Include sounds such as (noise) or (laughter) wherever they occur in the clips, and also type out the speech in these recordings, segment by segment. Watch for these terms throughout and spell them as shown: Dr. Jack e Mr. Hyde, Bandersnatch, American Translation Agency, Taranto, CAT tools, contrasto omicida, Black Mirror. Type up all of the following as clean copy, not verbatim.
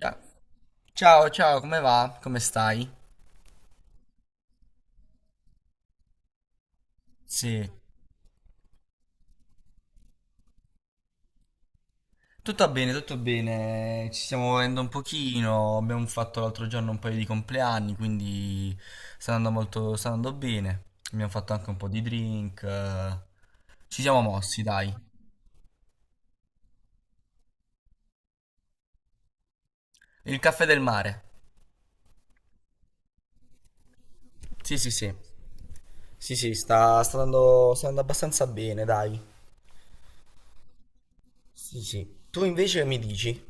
Ciao, ciao, ciao, come va? Come stai? Sì, tutto bene, tutto bene. Ci stiamo muovendo un pochino. Abbiamo fatto l'altro giorno un paio di compleanni, quindi sta andando molto, sta andando bene. Abbiamo fatto anche un po' di drink. Ci siamo mossi, dai. Il caffè del mare. Sì, sì, sì. Sì, sì, sta andando abbastanza bene, dai. Sì, sì. Tu invece mi dici?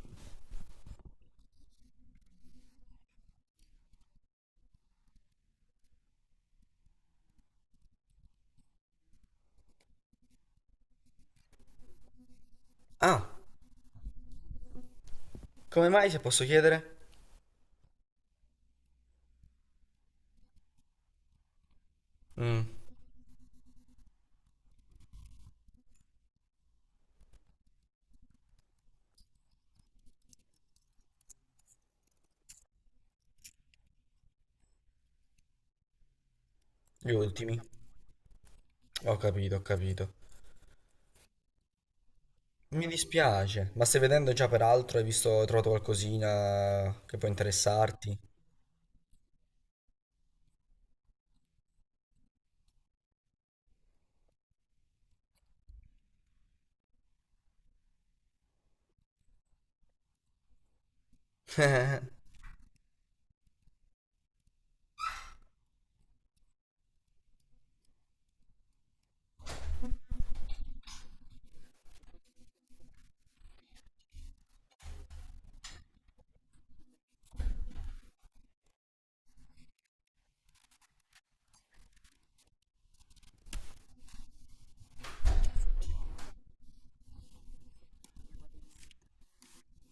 Ah, come mai se posso chiedere? Mm, gli ultimi. Ho capito, ho capito. Mi dispiace, ma stai vedendo già per altro? Hai visto, hai trovato qualcosina che può interessarti?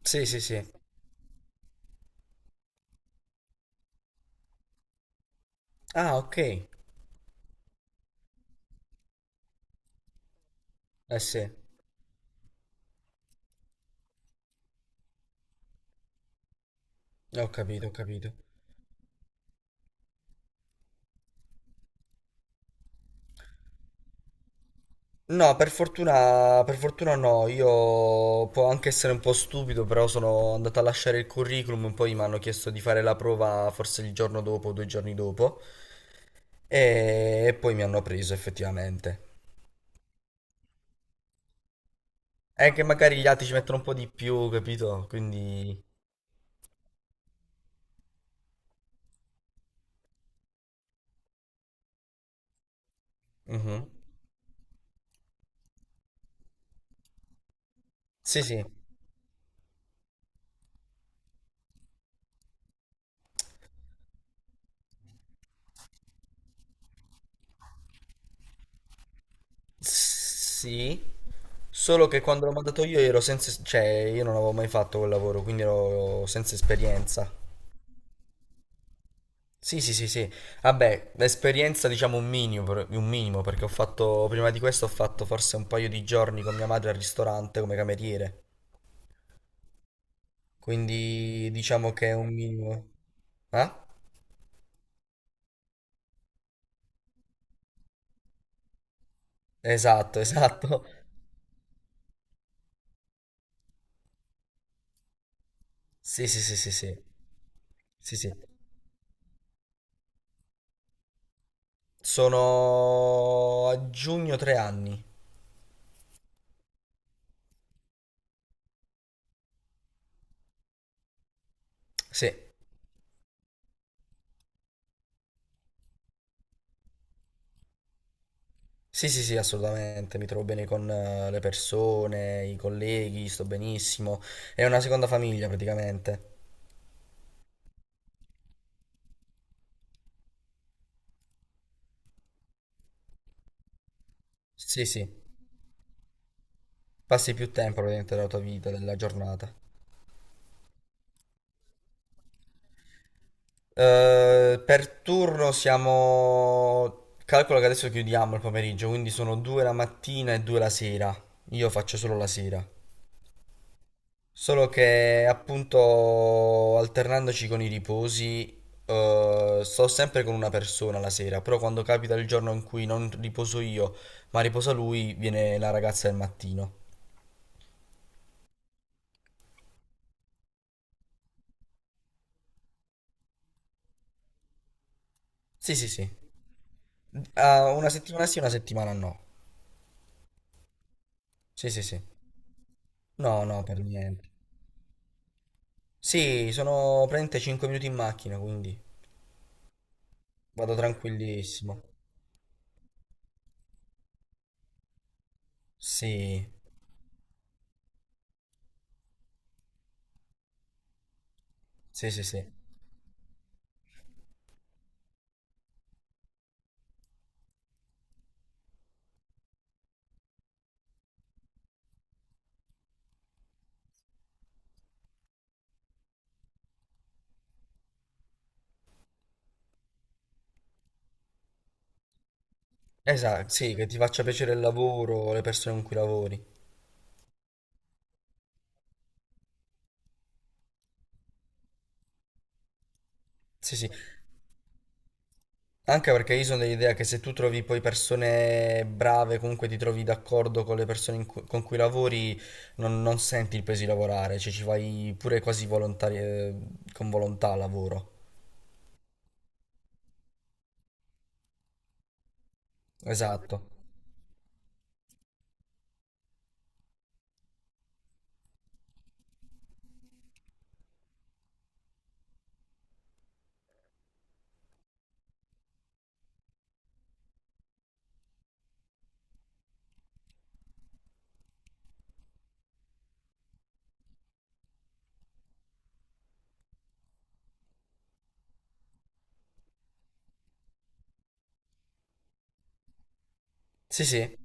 Sì, sì, sì. Ah, ok. Eh sì, ho capito, ho capito. No, per fortuna no, io può anche essere un po' stupido, però sono andato a lasciare il curriculum, poi mi hanno chiesto di fare la prova forse il giorno dopo, o due giorni dopo, e poi mi hanno preso effettivamente. È che magari gli altri ci mettono un po' di più, capito? Quindi... Mhm. Sì, sì. Sì, solo che quando l'ho mandato io ero senza, cioè io non avevo mai fatto quel lavoro, quindi ero senza esperienza. Sì, sì, sì, sì. Vabbè, l'esperienza diciamo un minimo, un minimo, perché ho fatto, prima di questo ho fatto forse un paio di giorni con mia madre al ristorante come cameriere, quindi diciamo che è un minimo. Eh? Esatto, esatto. Sì, sì, sì, sì, sì. Sì, sì. Sono a giugno 3 anni. Sì. Sì, sì, sì, assolutamente, mi trovo bene con le persone, i colleghi, sto benissimo. È una seconda famiglia praticamente. Sì, sì, passi più tempo praticamente della tua vita, della giornata. Per turno siamo... Calcolo che adesso chiudiamo il pomeriggio, quindi sono due la mattina e due la sera. Io faccio solo la sera. Solo che appunto alternandoci con i riposi, sto sempre con una persona la sera, però quando capita il giorno in cui non riposo io, ma riposa lui, viene la ragazza del mattino. Sì, sì, sì. Ah, una settimana sì, una settimana no. Sì, sì, sì. No, no, per niente. Sì, sono praticamente 5 minuti in macchina, quindi vado tranquillissimo. Sì, sì, sì, sì. Esatto, sì, che ti faccia piacere il lavoro, le persone con cui lavori. Sì, sì. Anche perché io sono dell'idea che se tu trovi poi persone brave, comunque ti trovi d'accordo con le persone con cui lavori, non senti il peso di lavorare, cioè ci fai pure quasi con volontà al lavoro. Esatto. Sì, sì.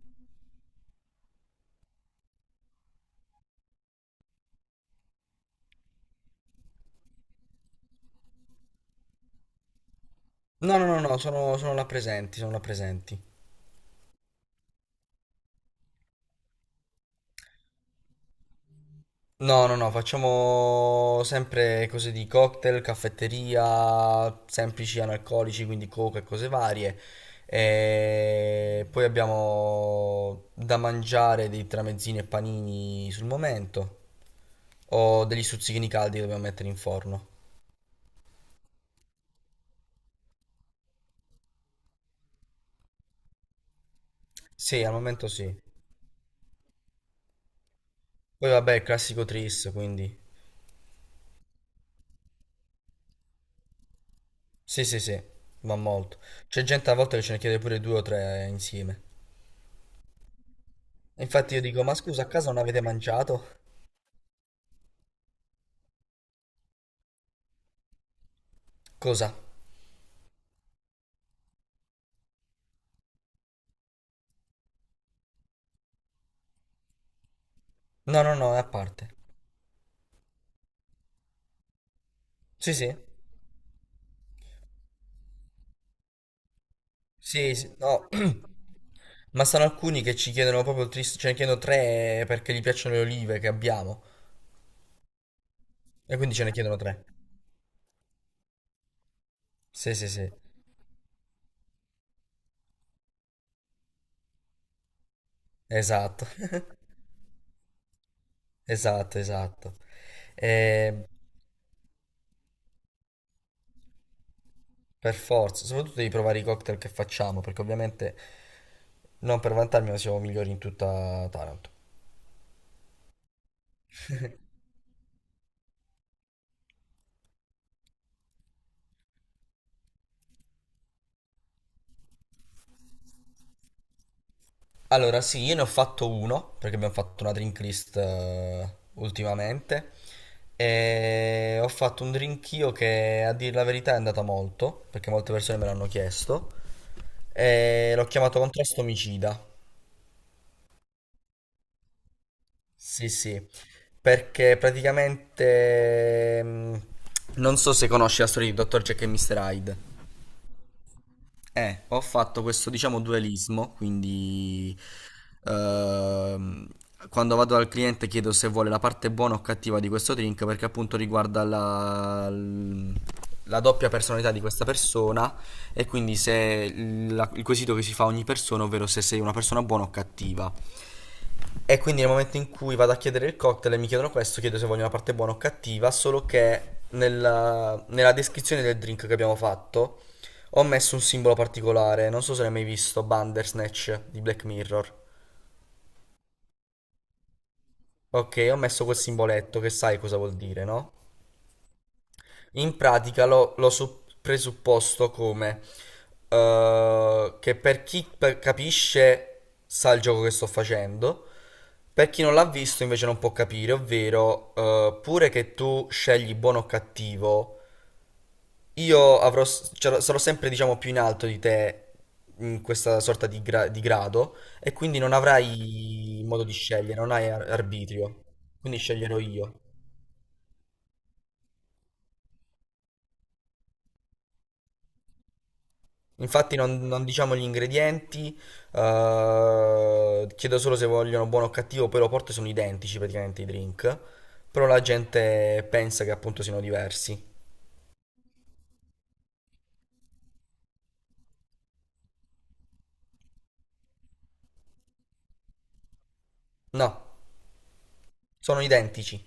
No, no, no, no, sono là presenti, sono là presenti. No, no, no, facciamo sempre cose di cocktail, caffetteria, semplici analcolici, quindi coca e cose varie. E poi abbiamo da mangiare dei tramezzini e panini sul momento, o degli stuzzichini caldi che dobbiamo mettere in forno. Sì, al momento sì. Poi vabbè, il classico tris, quindi sì, sì, sì, va molto. C'è gente a volte che ce ne chiede pure due o tre insieme. Infatti io dico, ma scusa, a casa non avete mangiato? Cosa? No, no, no, è a parte. Sì, sì. Sì, sì, no. (clears throat) Ma sono alcuni che ci chiedono proprio il tris, ce ne chiedono tre perché gli piacciono le olive che abbiamo. E quindi ce ne chiedono tre. Sì, sì, sì. Esatto. (laughs) Esatto, esatto. E per forza, soprattutto devi provare i cocktail che facciamo, perché ovviamente non per vantarmi, ma siamo migliori in tutta Taranto. Allora, sì, io ne ho fatto uno, perché abbiamo fatto una drink list ultimamente. E ho fatto un drink io che a dire la verità è andata molto, perché molte persone me l'hanno chiesto. E l'ho chiamato contrasto omicida. Sì, sì, perché praticamente non so se conosci la storia di Dr. Jack e Mr. Hyde. Ho fatto questo, diciamo, dualismo, quindi ehm, quando vado dal cliente chiedo se vuole la parte buona o cattiva di questo drink, perché appunto riguarda la doppia personalità di questa persona e quindi se il quesito che si fa a ogni persona, ovvero se sei una persona buona o cattiva. E quindi nel momento in cui vado a chiedere il cocktail e mi chiedono questo, chiedo se voglio una parte buona o cattiva, solo che nella, nella descrizione del drink che abbiamo fatto ho messo un simbolo particolare, non so se l'hai mai visto, Bandersnatch di Black Mirror. Ok, ho messo quel simboletto che sai cosa vuol dire, no? In pratica lo presupposto come che per chi capisce sa il gioco che sto facendo, per chi non l'ha visto invece non può capire, ovvero pure che tu scegli buono o cattivo, io cioè, sarò sempre diciamo più in alto di te in questa sorta di, di grado e quindi non avrai modo di scegliere, non hai arbitrio, quindi sceglierò io. Infatti non diciamo gli ingredienti, chiedo solo se vogliono buono o cattivo, poi lo porto e sono identici praticamente i drink, però la gente pensa che appunto siano diversi. No, sono identici.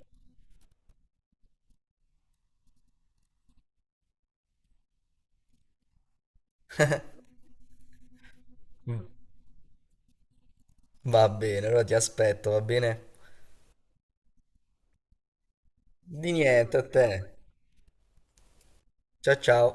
Va bene, allora ti aspetto, va bene? Di niente a te. Ciao ciao.